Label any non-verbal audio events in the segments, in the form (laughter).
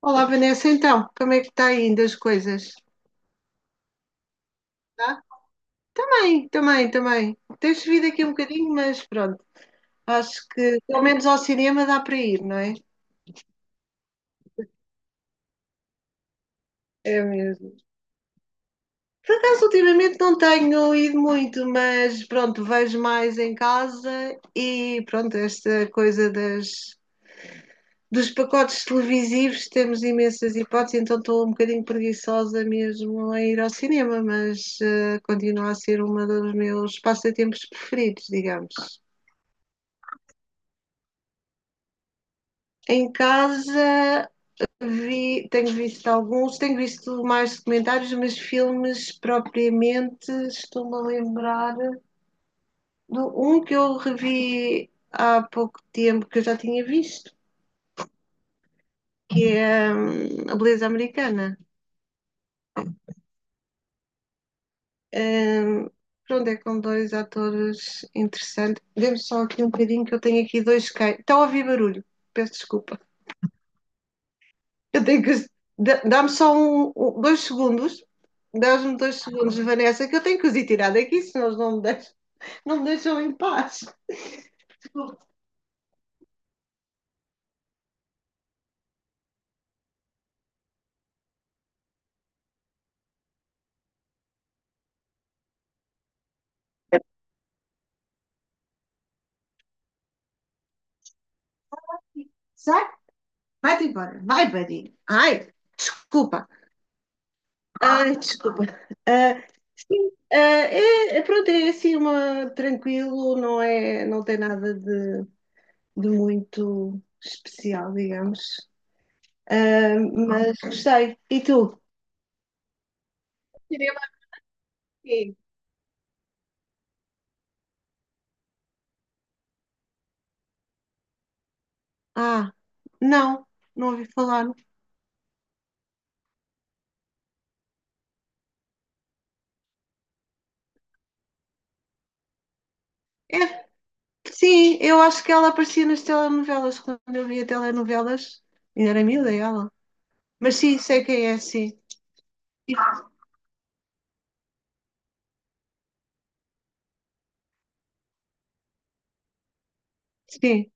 Olá, Vanessa, então, como é que está aí ainda as coisas? Tá? Também, também, também. Tens subido aqui um bocadinho, mas pronto, acho que pelo menos ao cinema dá para ir, não é? É mesmo. Por acaso, ultimamente não tenho ido muito, mas pronto, vejo mais em casa e pronto, esta coisa dos pacotes televisivos, temos imensas hipóteses, então estou um bocadinho preguiçosa mesmo a ir ao cinema, mas continua a ser um dos meus passatempos preferidos, digamos. Em casa vi, tenho visto alguns, tenho visto mais documentários, mas filmes propriamente estou-me a lembrar de um que eu revi há pouco tempo, que eu já tinha visto, que é A Beleza Americana. Hum, Pronto, é com dois atores interessantes. Dê-me só aqui um bocadinho que eu tenho aqui dois cães. Estão a ouvir barulho, peço desculpa. Eu tenho que. Dá-me só dois segundos. Dás-me dois segundos, Vanessa, que eu tenho que os ir tirar daqui, senão eles não me deixam em paz. Sai, vai-te embora. Vai, buddy. Ai, desculpa. Ai, desculpa. Ah, sim, ah, pronto, é assim uma tranquilo, não é, não tem nada de muito especial, digamos. Ah, mas gostei. E tu? Cinema aqui. Ah, não, não ouvi falar. É, sim, eu acho que ela aparecia nas telenovelas, quando eu via telenovelas, ainda era miúda ela. Mas sim, sei quem é, sim. Sim,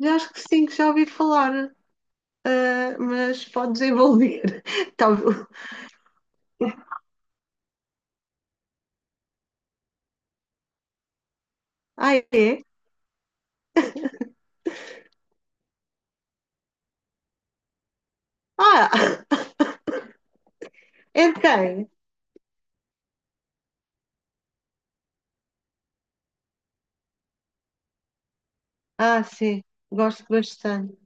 já acho que sim, que já ouvi falar, ah, mas pode desenvolver. (laughs) Talvez. Ah, é? Ah, (laughs) é de quem? Ah, sim, gosto bastante.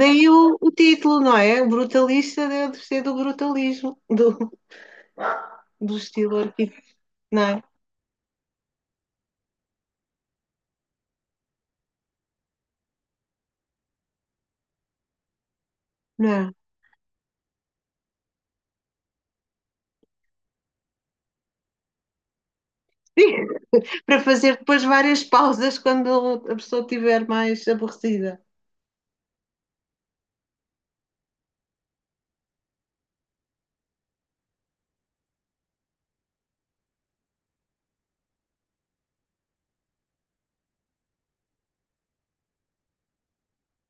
Daí o título, não é? O brutalista deve ser do brutalismo, do estilo arquiteto, não é? Não, é? (laughs) Para fazer depois várias pausas quando a pessoa estiver mais aborrecida.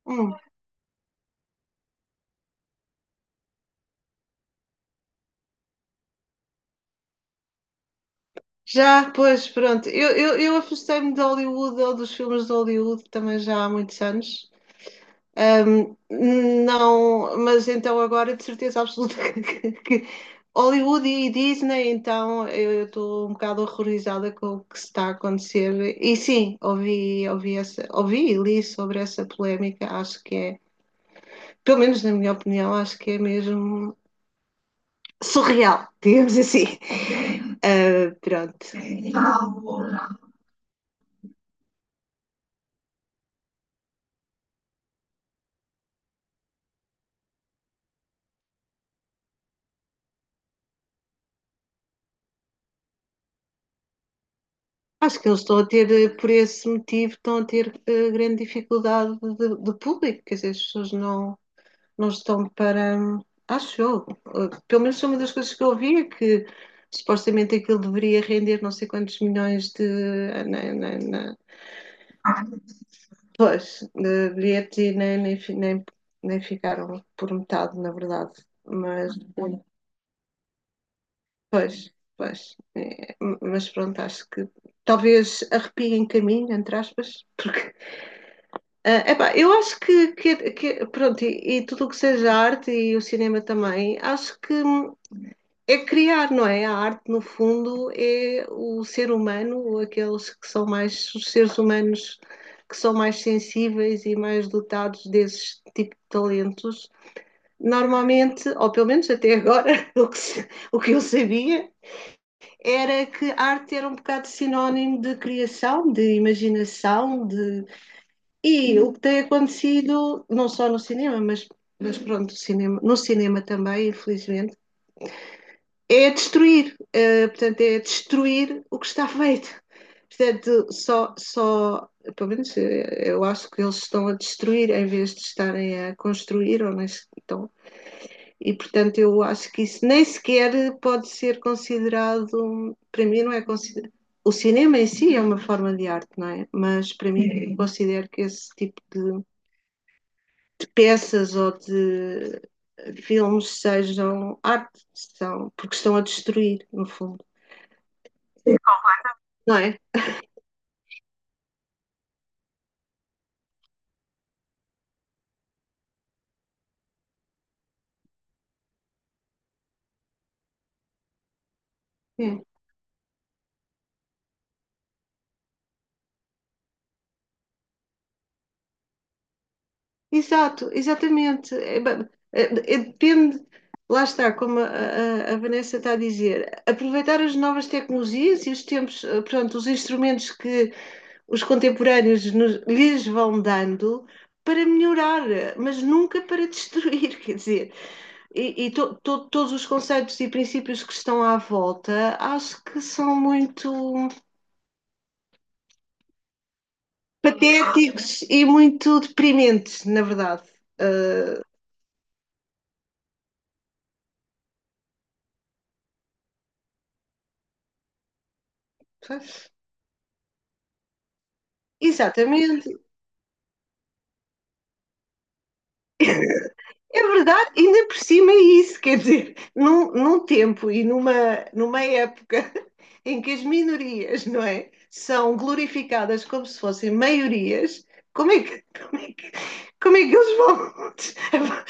Hum. Já, pois, pronto. Eu afastei-me de Hollywood ou dos filmes de Hollywood também já há muitos anos. Um, não, mas então agora de certeza absoluta (laughs) que Hollywood e Disney, então eu estou um bocado horrorizada com o que está a acontecer. E sim, ouvi, essa, ouvi e li sobre essa polémica, acho que é, pelo menos na minha opinião, acho que é mesmo surreal, (laughs) digamos assim. Pronto. Acho que eles estão a ter, por esse motivo, estão a ter grande dificuldade de público, quer dizer, as pessoas não, não estão para. Acho eu. Pelo menos foi uma das coisas que eu ouvi é que supostamente aquilo deveria render não sei quantos milhões de. Na, na, na, Pois, de bilhetes e nem ficaram por metade, na verdade. Mas. Pois, pois. É, mas pronto, acho que talvez arrepie em caminho, entre aspas, (laughs) porque ah, epá, eu acho que pronto, e tudo o que seja arte e o cinema também, acho que é criar, não é? A arte, no fundo, é o ser humano, aqueles que são mais, os seres humanos que são mais sensíveis e mais dotados desses tipo de talentos. Normalmente, ou pelo menos até agora, (laughs) o que, se- o que eu sabia, era que arte era um bocado sinónimo de criação, de imaginação. E o que tem acontecido, não só no cinema, mas pronto, cinema, no cinema também, infelizmente, é destruir, portanto, é destruir o que está feito. Portanto, só, só, pelo menos eu acho que eles estão a destruir em vez de estarem a construir, ou nem estão e, portanto, eu acho que isso nem sequer pode ser considerado, para mim não é considerado. O cinema em si é uma forma de arte, não é? Mas para mim eu considero que esse tipo de peças ou de filmes sejam arte, são, porque estão a destruir, no fundo, não é? É. Exato, exatamente. É, depende, lá está, como Vanessa está a dizer, aproveitar as novas tecnologias e os tempos, pronto, os instrumentos que os contemporâneos lhes vão dando para melhorar, mas nunca para (laughs) destruir, quer dizer, e todos os conceitos e princípios que estão à volta acho que são muito patéticos e muito deprimentes, na verdade. Ah, exatamente. É verdade, ainda por cima é isso, quer dizer, num tempo e numa época (laughs) em que as minorias, não é, são glorificadas como se fossem maiorias, como é que, (laughs) como é que eles vão?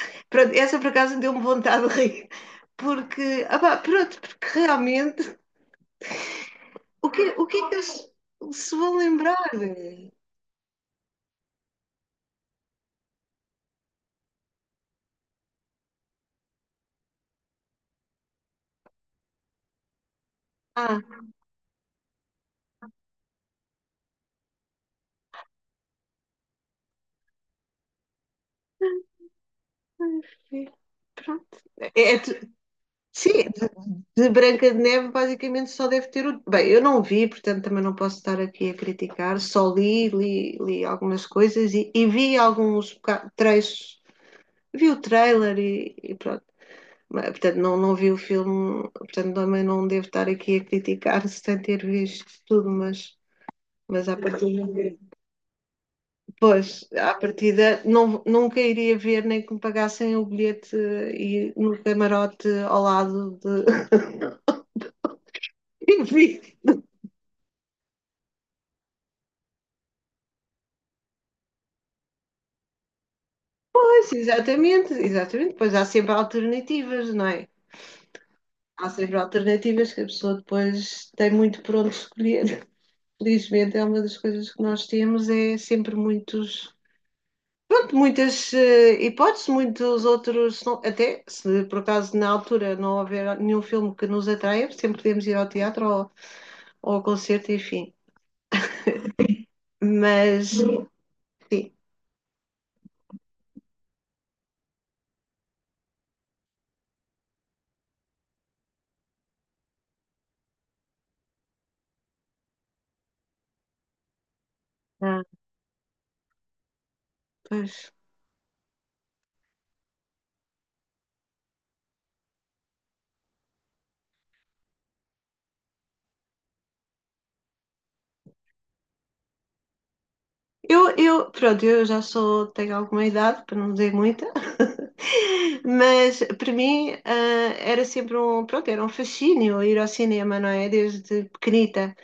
(laughs) Pronto, essa por acaso deu-me vontade de rir, porque, ah pá, pronto, porque realmente, o que é que eles se vão lembrar? Ah, pronto, é, é tu- sim, de Branca de Neve basicamente só deve ter o. Bem, eu não vi, portanto também não posso estar aqui a criticar, só li algumas coisas e vi alguns trechos, vi o trailer e pronto. Mas, portanto, não, não vi o filme, portanto também não devo estar aqui a criticar sem ter visto tudo, mas à partida, pois, à partida não, nunca iria ver nem que me pagassem o bilhete e no camarote ao lado de. (laughs) E vi. Pois, exatamente, exatamente. Pois há sempre alternativas, não é? Há sempre alternativas que a pessoa depois tem muito por onde escolher. (laughs) Felizmente é uma das coisas que nós temos, é sempre pronto, muitas hipóteses, muitos outros, se não- até se por acaso na altura não houver nenhum filme que nos atraia, sempre podemos ir ao teatro ou ao concerto, enfim. Mas, sim, ah, pois. Pronto, eu já sou, tenho alguma idade, para não dizer muita, (laughs) mas para mim ah, era sempre um, pronto, era um fascínio ir ao cinema, não é? Desde pequenita.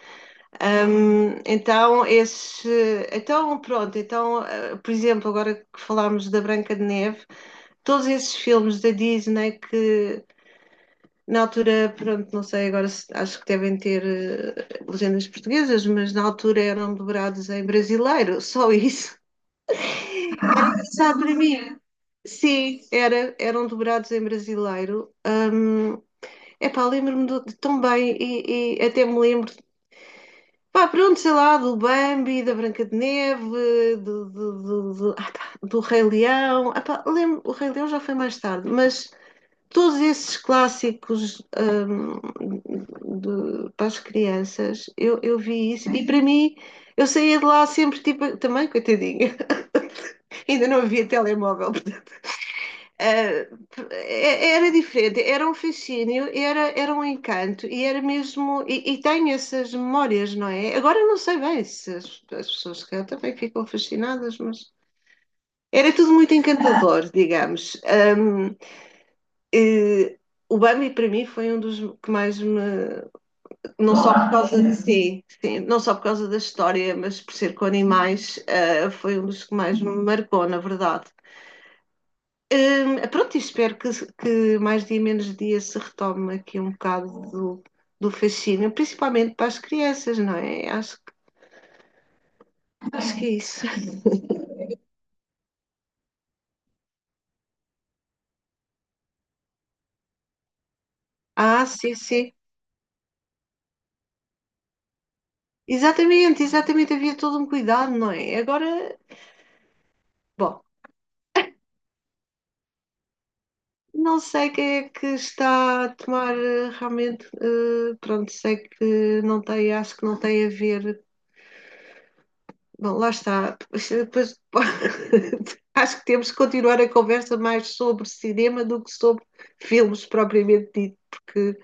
Então, esse, então, pronto, então, ah, por exemplo, agora que falámos da Branca de Neve, todos esses filmes da Disney que na altura, pronto, não sei, agora acho que devem ter legendas portuguesas, mas na altura eram dobrados em brasileiro, só isso. (laughs) Está para mim. Sim, eram dobrados em brasileiro. Epá, lembro-me de tão bem e até me lembro, pá, pronto, sei lá, do Bambi, da Branca de Neve, ah, tá, do Rei Leão. Epá, lembro, o Rei Leão já foi mais tarde, mas todos esses clássicos, para as crianças, eu vi isso e para mim, eu saía de lá sempre, tipo, também, coitadinha, (laughs) ainda não havia telemóvel. Ah, era diferente, era um fascínio, era um encanto e era mesmo. E tenho essas memórias, não é? Agora não sei bem se as pessoas que eu também ficam fascinadas, mas era tudo muito encantador, (laughs) digamos. Eh, o Bambi para mim foi um dos que mais me. Não só por causa de (laughs) sim, sim, não só por causa da história, mas por ser com animais, ah, foi um dos que mais me marcou, na verdade. Pronto, e espero que, mais dia menos dia se retome aqui um bocado do fascínio, principalmente para as crianças, não é? Acho que é isso. (laughs) Ah, sim, sim. Exatamente, exatamente. Havia todo um cuidado, não é? Agora, bom, não sei quem é que está a tomar realmente. Pronto, sei que não tem, acho que não tem a ver. Bom, lá está. Depois, depois, (laughs) acho que temos que continuar a conversa mais sobre cinema do que sobre filmes propriamente dito, porque,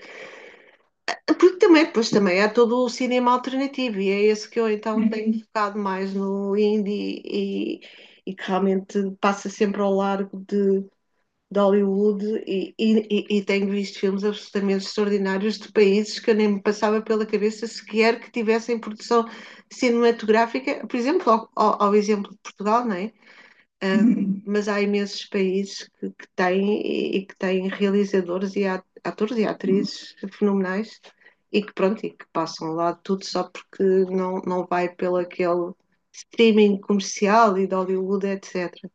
também, depois também há todo o cinema alternativo e é esse que eu então tenho focado mais no indie e que realmente passa sempre ao largo de Hollywood tenho visto filmes absolutamente extraordinários de países que eu nem me passava pela cabeça sequer que tivessem produção cinematográfica, por exemplo, exemplo de Portugal, não é? Ah, mas há imensos países que têm e que têm realizadores e atores e atrizes fenomenais e que pronto, e que passam lá tudo só porque não, não vai pelo aquele streaming comercial e de Hollywood, etc.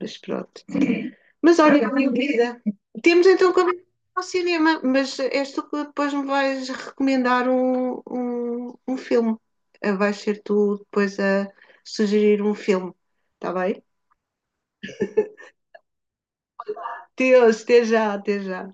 Mas pronto. Mas olha, minha querida, temos então que ir ao cinema, mas és tu que depois me vais recomendar um, um filme. Vais ser tu depois a sugerir um filme, está bem? Deus, até já, até já.